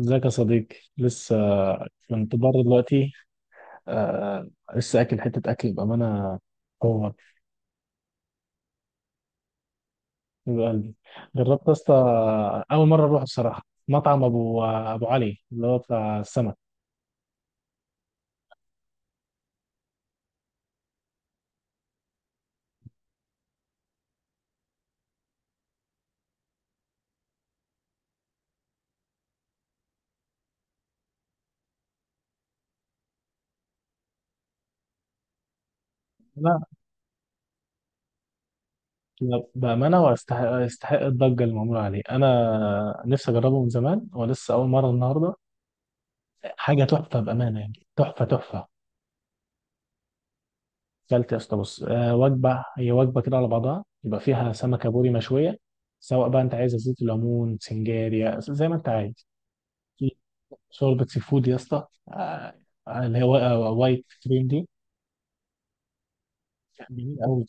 ازيك يا صديقي؟ لسه كنت بره دلوقتي. آه. لسه اكل حته اكل بامانه. هو. من قلبي جربت يا اسطى. اول مره اروح بصراحه مطعم ابو علي اللي هو بتاع السمك. لا، لا، بامانه، ويستحق يستحق الضجه اللي معموله عليه. انا نفسي اجربه من زمان ولسه اول مره النهارده. حاجه تحفه بامانه، يعني تحفه تحفه. كلت يا اسطى، بص، وجبه، هي وجبه كده على بعضها، يبقى فيها سمكه بوري مشويه. سواء بقى انت عايز زيت الليمون سنجاريا زي ما انت عايز. في شوربه سي فود يا اسطى، اللي هي وايت كريم دي. جميل قوي.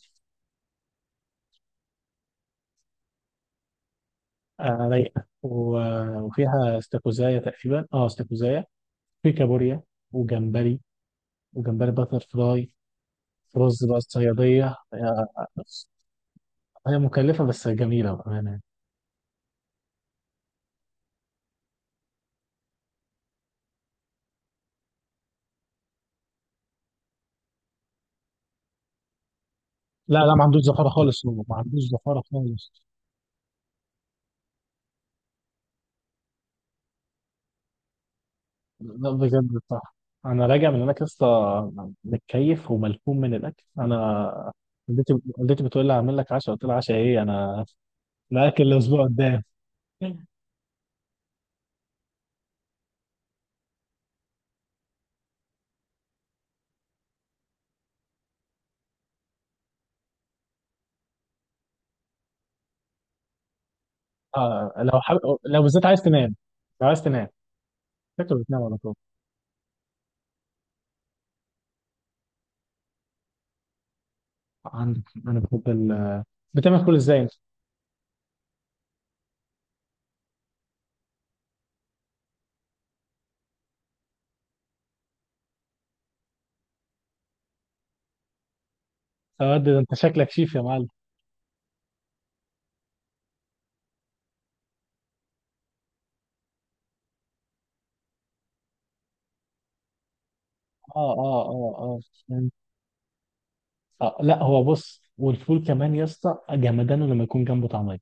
رايقه و- آه، وفيها استاكوزايا تقريبا، استاكوزايا. في كابوريا. وجمبري، وجمبري باتر فلاي. رز بقى الصياديه. هي مكلفه بس جميله بامانه. لا، لا، ما عندوش زفاره خالص، هو ما عندوش زفاره خالص. لا، بجد، صح. انا راجع من هناك لسه. متكيف وملحوم من الاكل انا. والدتي بتقول لي هعمل لك عشاء. قلت لها عشاء ايه انا؟ الاكل الاسبوع قدام. آه لو حب... لو بالذات عايز تنام. لو عايز تنام. شكله بتنام على طول. عندك. انا بحب ال... بتعمل كل ازاي انت؟ يا واد ده انت شكلك شيف يا معلم. اه، اه، اه. اه, آه، لا، هو بص، والفول كمان يا اسطى جمدانه لما يكون جنبه طعميه.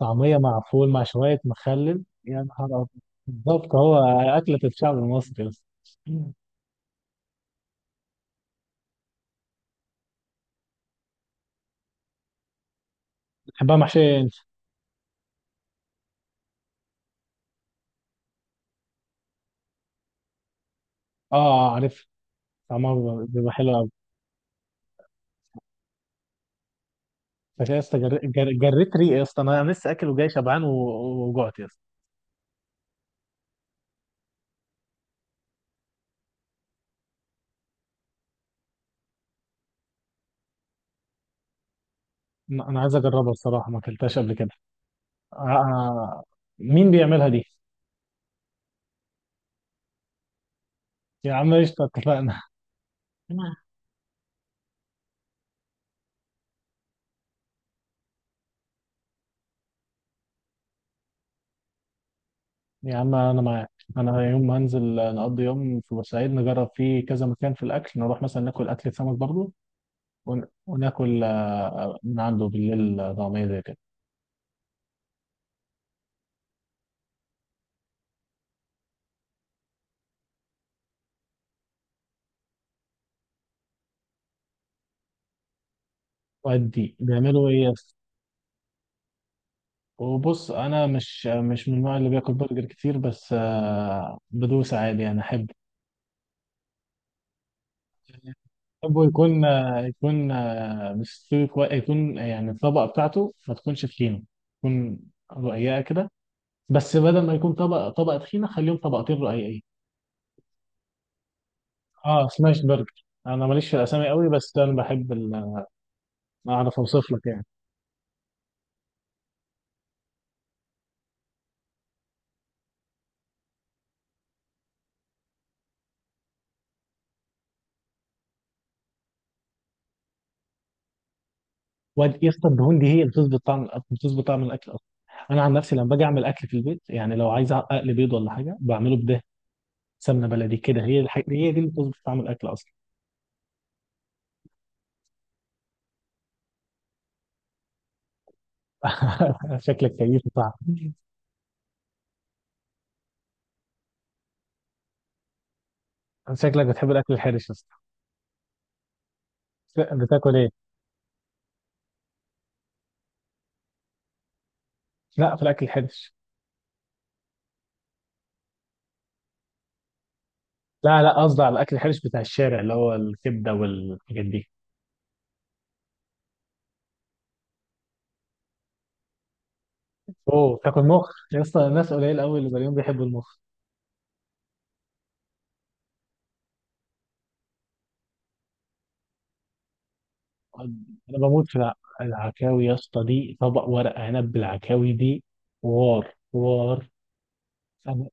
طعمية مع فول مع شوية مخلل يا نهار أبيض. بالظبط، هو. أكلة الشعب المصري بس. بحبها محشية أنت؟ أه، عارف. طعمها بيبقى حلو أوي. بس يا اسطى، جريت ريقي يا اسطى. أنا لسه أكل وجاي شبعان وجعت يا اسطى. أنا عايز أجربها بصراحة، ما أكلتهاش قبل كده. آه، آه، مين بيعملها دي؟ يا عم، قشطة، اتفقنا. يا عم، أنا معاك. أنا يوم ما هنزل نقضي يوم في بورسعيد، نجرب فيه كذا مكان في الأكل، نروح مثلا ناكل أكلة سمك برضه. وناكل من عنده بالليل، طعمية زي كده. وأدي بيعملوا إيه يس. وبص، أنا مش من النوع اللي بياكل برجر كتير، بس بدوس عادي يعني أحب. أحبه يكون مستوي كويس، يكون آه، يعني الطبقة بتاعته ما تكونش تخينة. تكون رقيقة كده. بس بدل ما يكون طبقة تخينة، خليهم طبقتين رقيقين. اه، سماش برجر. أنا ماليش في الأسامي قوي، بس أنا بحب ال- أعرف أوصف لك يعني. يا اسطى، الدهون دي هي اللي بتظبط طعم الأكل، بتظبط طعم الأكل أصلا. أنا عن نفسي لما باجي أعمل أكل في البيت، يعني لو عايز أقلي بيض ولا حاجة بعمله بده سمنة بلدي كده. هي الحاجة، هي دي اللي بتظبط طعم الأكل أصلا. شكلك كيف طعم؟ شكلك بتحب الأكل الحرش يا اسطى؟ لا، بتاكل إيه؟ لا، في الأكل الحرش. لا، لا، قصدي على الأكل الحرش بتاع الشارع، اللي هو الكبدة والحاجات دي. أوه، تاكل مخ يا اسطى؟ ناس قليل قوي اللي زيهم بيحبوا المخ. انا بموت في العكاوي يا اسطى. دي طبق ورق عنب بالعكاوي دي. حوار حوار. أنا-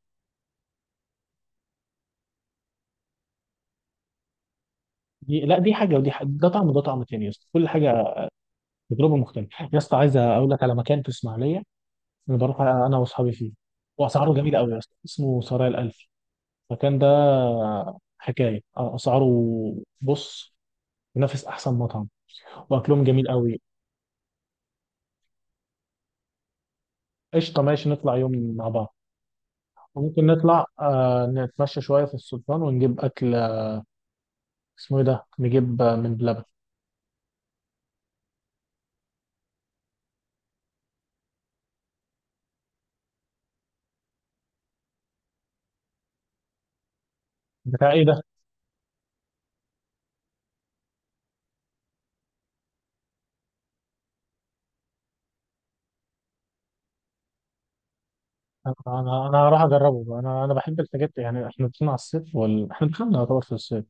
دي لا دي حاجه ودي حاجة، ده طعم وده طعم تاني يا اسطى، كل حاجه تجربه مختلفه يا اسطى. عايز اقول لك على مكان في اسماعيليه. انا بروح انا واصحابي فيه. واسعاره جميله قوي يا اسطى، اسمه سرايا الالفي. المكان ده حكايه، اسعاره، بص، ينافس احسن مطعم. واكلهم جميل قوي. قشطه، ماشي، نطلع يوم مع بعض. وممكن نطلع نتمشى شويه في السلطان ونجيب اكل. اسمه ايه ده؟ نجيب من بلبن. بتاع ايه ده؟ انا انا أنا هروح اجربه بقى. انا بحب الحاجات، يعني احنا داخلين على الصيف احنا دخلنا يعتبر في الصيف.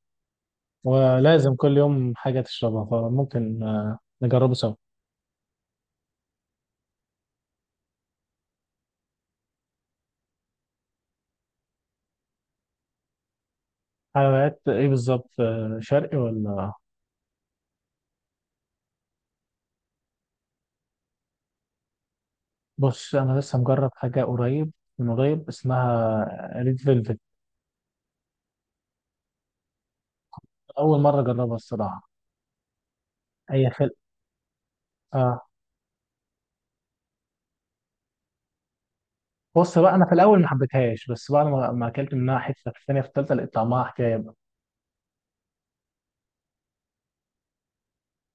ولازم كل يوم حاجه تشربها، فممكن نجربه سوا. حلويات ايه بالظبط؟ شرقي ولا؟ بص، انا لسه مجرب حاجه قريب، من قريب، اسمها ريد فيلفت. اول مره اجربها الصراحه. هي خل... آه. بص بقى، انا في الاول ما حبيتهاش، بس بعد ما اكلت منها حته في الثانيه في الثالثه، لقيت طعمها حكايه.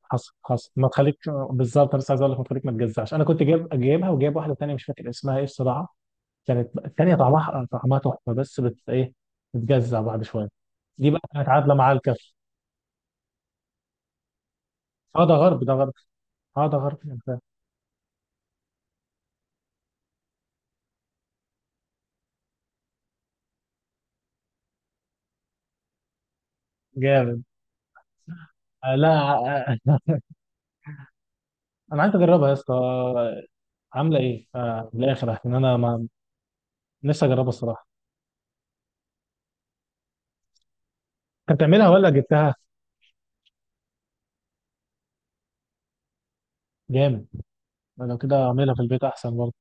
حصل حصل، ما تخليك. بالظبط، لسه عايز اقول لك ما تخليك ما تجزعش. انا كنت جايبها وجايب واحده تانيه مش فاكر اسمها ايه الصراحه. كانت التانيه طعمها تحفه، بس بت ايه؟ بتجزع بعد شويه. دي بقى كانت عادله مع الكف. اه، ده غرب، ده غرب. اه، ده غرب أنت. جامد. آه، لا، آه. انا عايز اجربها يا اسطى. عامله ايه من الاخر، عشان انا ما... لسه اجربها الصراحه. انت بتعملها ولا جبتها؟ جامد. لو كده اعملها في البيت احسن برضه.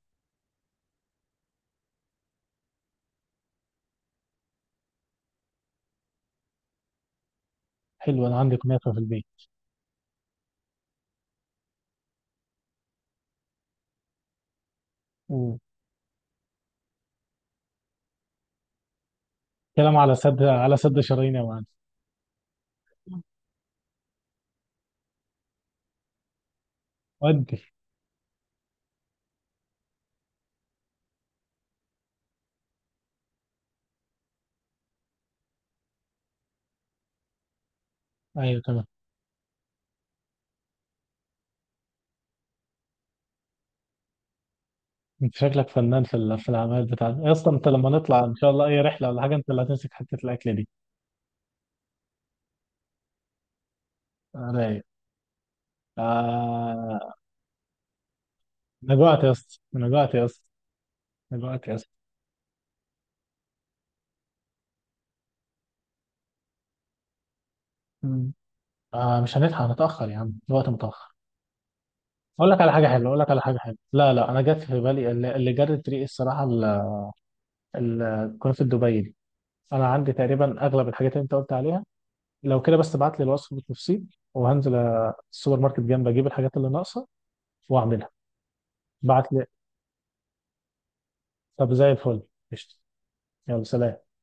حلو، انا عندي كنافه في البيت. مم. كلام على سد شرايين يا معلم. ودي. ايوه، تمام. انت شكلك فنان في الاعمال بتاعتك يا اسطى. انت لما نطلع ان شاء الله اي رحله ولا حاجه، انت اللي هتمسك حته الاكل دي. رايق. آه. انا جوعت يا اسطى، انا جوعت يا اسطى. انا جوعت يا اسطى. مم. آه، مش هنلحق، هنتاخر يا عم، الوقت متاخر. اقول لك على حاجه حلوه، اقول لك على حاجه حلوه. لا، لا، انا جت في بالي اللي جرت ريقي الصراحه ال- كنت في دبي دي. انا عندي تقريبا اغلب الحاجات اللي انت قلت عليها. لو كده بس ابعت لي الوصف بالتفصيل، وهنزل السوبر ماركت جنب، اجيب الحاجات اللي ناقصه واعملها. بعت لي. طب زي الفل. قشطة. يلا، سلام.